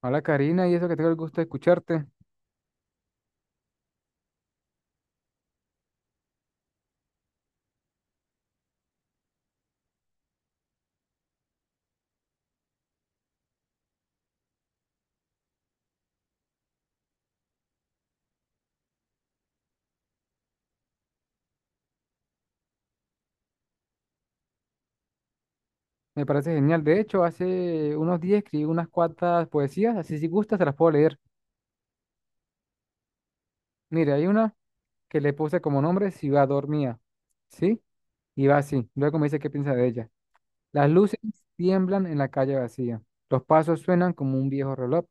Hola Karina, y eso que tengo el gusto de escucharte. Me parece genial. De hecho, hace unos días escribí unas cuantas poesías, así si gustas te las puedo leer. Mire, hay una que le puse como nombre Ciudad Dormía, ¿sí? Y va así. Luego me dice qué piensa de ella. Las luces tiemblan en la calle vacía. Los pasos suenan como un viejo reloj.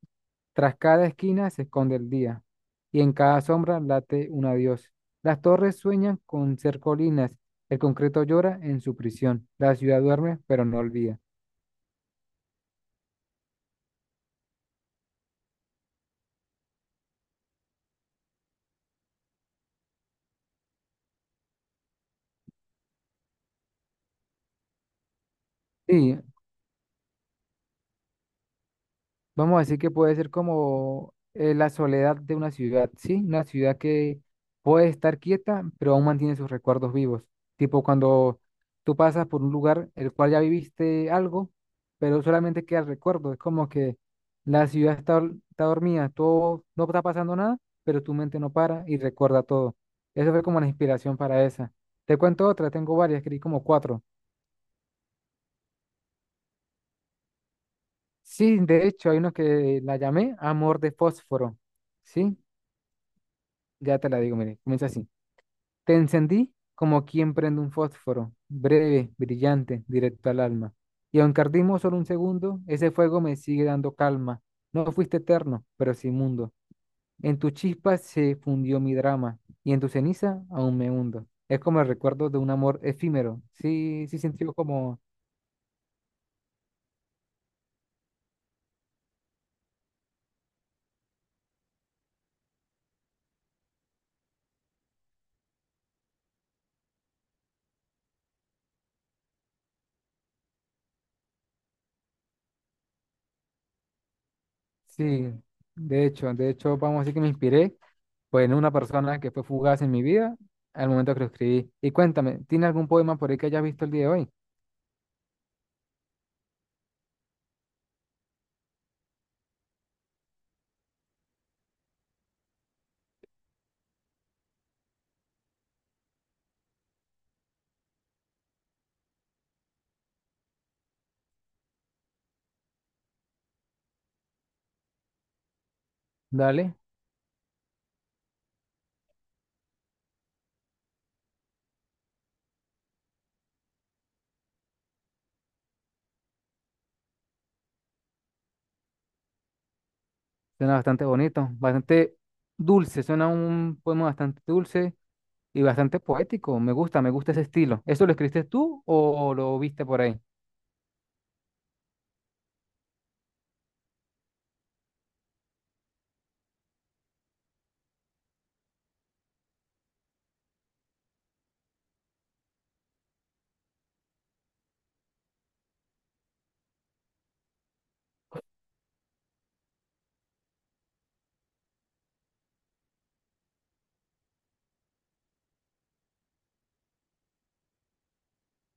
Tras cada esquina se esconde el día. Y en cada sombra late un adiós. Las torres sueñan con ser colinas. El concreto llora en su prisión. La ciudad duerme, pero no olvida. Sí, vamos a decir que puede ser como la soledad de una ciudad, ¿sí? Una ciudad que puede estar quieta, pero aún mantiene sus recuerdos vivos. Tipo cuando tú pasas por un lugar el cual ya viviste algo, pero solamente queda el recuerdo. Es como que la ciudad está dormida, todo, no está pasando nada, pero tu mente no para y recuerda todo. Eso fue como la inspiración para esa. Te cuento otra, tengo varias, escribí como cuatro. Sí, de hecho, hay uno que la llamé Amor de Fósforo, ¿sí? Ya te la digo, mire, comienza así. Te encendí como quien prende un fósforo, breve, brillante, directo al alma. Y aunque ardimos solo un segundo, ese fuego me sigue dando calma. No fuiste eterno, pero sí mundo. En tu chispa se fundió mi drama, y en tu ceniza aún me hundo. Es como el recuerdo de un amor efímero. Sí, sí sintió como. Sí, de hecho, vamos a decir que me inspiré, pues, en una persona que fue fugaz en mi vida al momento que lo escribí. Y cuéntame, ¿tiene algún poema por ahí que hayas visto el día de hoy? Dale, suena bastante bonito, bastante dulce, suena un poema bastante dulce y bastante poético. Me gusta ese estilo. ¿Eso lo escribiste tú o lo viste por ahí?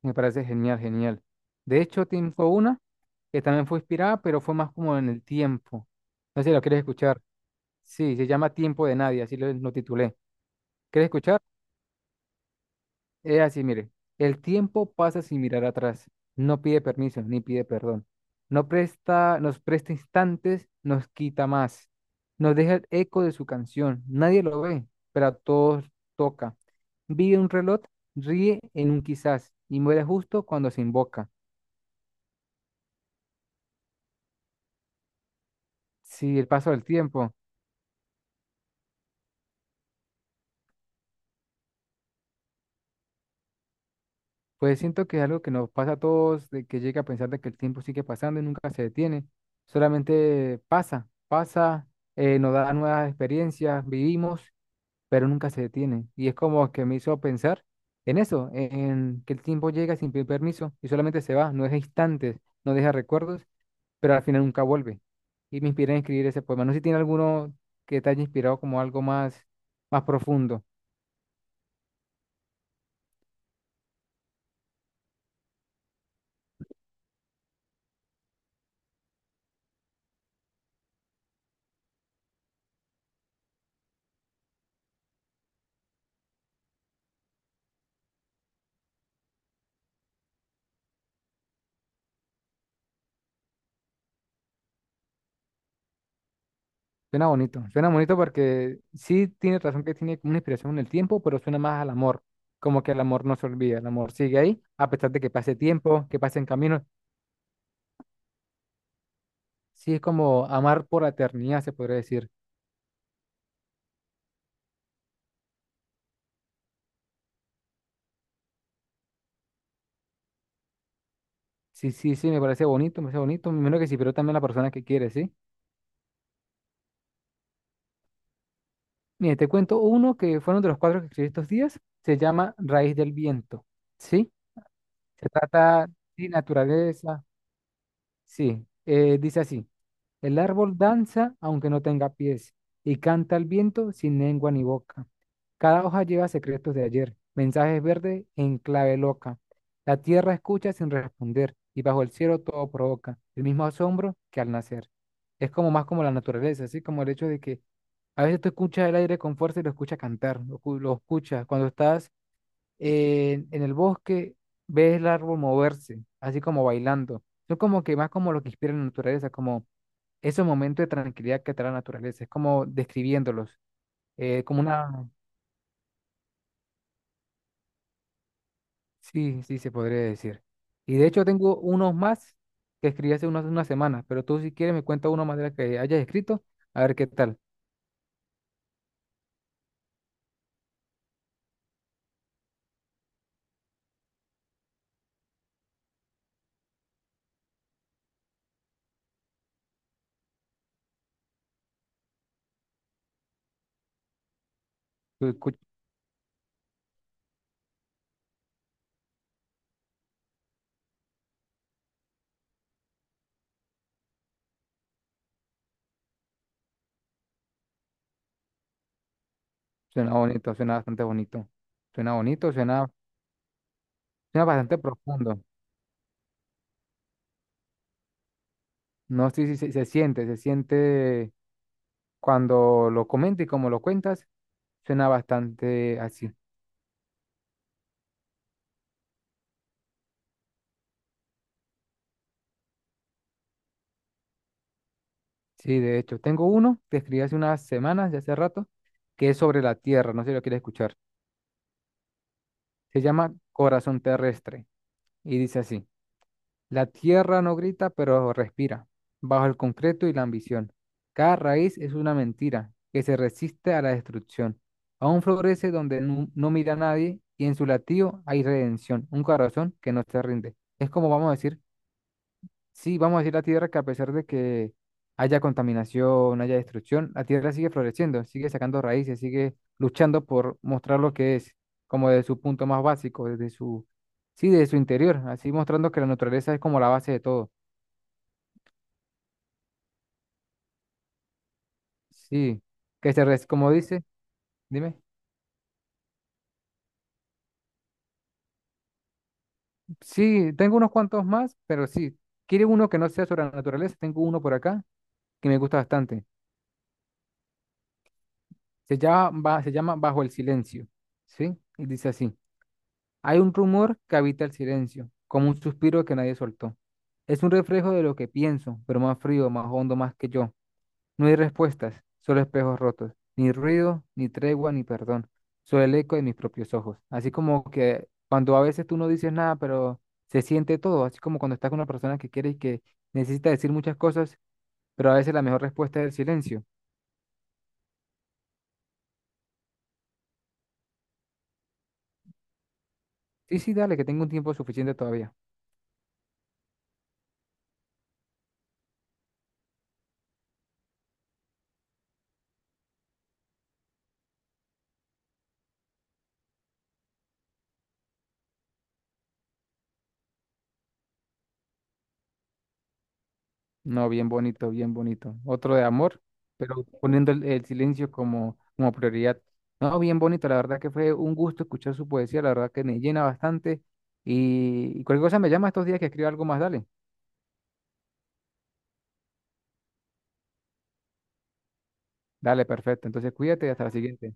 Me parece genial, genial. De hecho, tengo una que también fue inspirada, pero fue más como en el tiempo. No sé si lo quieres escuchar. Sí, se llama Tiempo de Nadie, así lo titulé. ¿Quieres escuchar? Es así, mire. El tiempo pasa sin mirar atrás. No pide permiso ni pide perdón. No presta, Nos presta instantes, nos quita más. Nos deja el eco de su canción. Nadie lo ve, pero a todos toca. Vive un reloj, ríe en un quizás y muere justo cuando se invoca. Sí, el paso del tiempo. Pues siento que es algo que nos pasa a todos, de que llega a pensar de que el tiempo sigue pasando y nunca se detiene. Solamente pasa, pasa, nos da nuevas experiencias, vivimos, pero nunca se detiene. Y es como que me hizo pensar en eso, en que el tiempo llega sin pedir permiso y solamente se va, no deja instantes, no deja recuerdos, pero al final nunca vuelve. Y me inspiré a escribir ese poema. No sé si tiene alguno que te haya inspirado como algo más, más profundo. Suena bonito porque sí tiene razón que tiene como una inspiración en el tiempo, pero suena más al amor, como que el amor no se olvida, el amor sigue ahí, a pesar de que pase tiempo, que pasen caminos, sí es como amar por la eternidad, se podría decir. Sí, sí, sí, me parece bonito, menos que sí, pero también la persona que quiere, ¿sí? Mire, te cuento uno que fue uno de los cuadros que escribí estos días, se llama Raíz del Viento, ¿sí? Se trata de naturaleza, sí, dice así. El árbol danza aunque no tenga pies y canta al viento sin lengua ni boca. Cada hoja lleva secretos de ayer, mensajes verdes en clave loca. La tierra escucha sin responder y bajo el cielo todo provoca el mismo asombro que al nacer. Es como más como la naturaleza, así como el hecho de que a veces tú escuchas el aire con fuerza y lo escuchas cantar, lo escuchas. Cuando estás en el bosque, ves el árbol moverse, así como bailando. Son como que más como lo que inspira la naturaleza, como ese momento de tranquilidad que trae la naturaleza, es como describiéndolos, como una, sí, sí, se podría decir. Y de hecho tengo unos más que escribí hace unas semanas, pero tú si quieres me cuenta uno más de los que hayas escrito, a ver qué tal. Su- escu- Suena bonito, suena bastante bonito, suena, suena bastante profundo. No sé si se siente, se siente cuando lo comentes y como lo cuentas, suena bastante así. Sí, de hecho, tengo uno que escribí hace unas semanas, ya hace rato, que es sobre la Tierra, no sé si lo quieres escuchar. Se llama Corazón Terrestre y dice así, la Tierra no grita, pero respira, bajo el concreto y la ambición. Cada raíz es una mentira que se resiste a la destrucción. Aún florece donde no mira a nadie y en su latido hay redención, un corazón que no se rinde. Es como vamos a decir. Sí, vamos a decir la Tierra que a pesar de que haya contaminación, haya destrucción, la Tierra sigue floreciendo, sigue sacando raíces, sigue luchando por mostrar lo que es, como desde su punto más básico, desde su, sí, desde su interior, así mostrando que la naturaleza es como la base de todo. Sí, que como dice, dime, sí, tengo unos cuantos más, pero sí, quiere uno que no sea sobre la naturaleza, tengo uno por acá que me gusta bastante. Se llama, se llama Bajo el Silencio, ¿sí? Y dice así. Hay un rumor que habita el silencio, como un suspiro que nadie soltó. Es un reflejo de lo que pienso, pero más frío, más hondo, más que yo. No hay respuestas, solo espejos rotos, ni ruido, ni tregua, ni perdón, solo el eco de mis propios ojos. Así como que cuando a veces tú no dices nada, pero se siente todo, así como cuando estás con una persona que quiere y que necesita decir muchas cosas, pero a veces la mejor respuesta es el silencio. Sí, sí, dale, que tengo un tiempo suficiente todavía. No, bien bonito, bien bonito. Otro de amor, pero poniendo el silencio como, como prioridad. No, bien bonito, la verdad que fue un gusto escuchar su poesía, la verdad que me llena bastante. Y cualquier cosa me llama estos días que escriba algo más, dale. Dale, perfecto. Entonces cuídate y hasta la siguiente.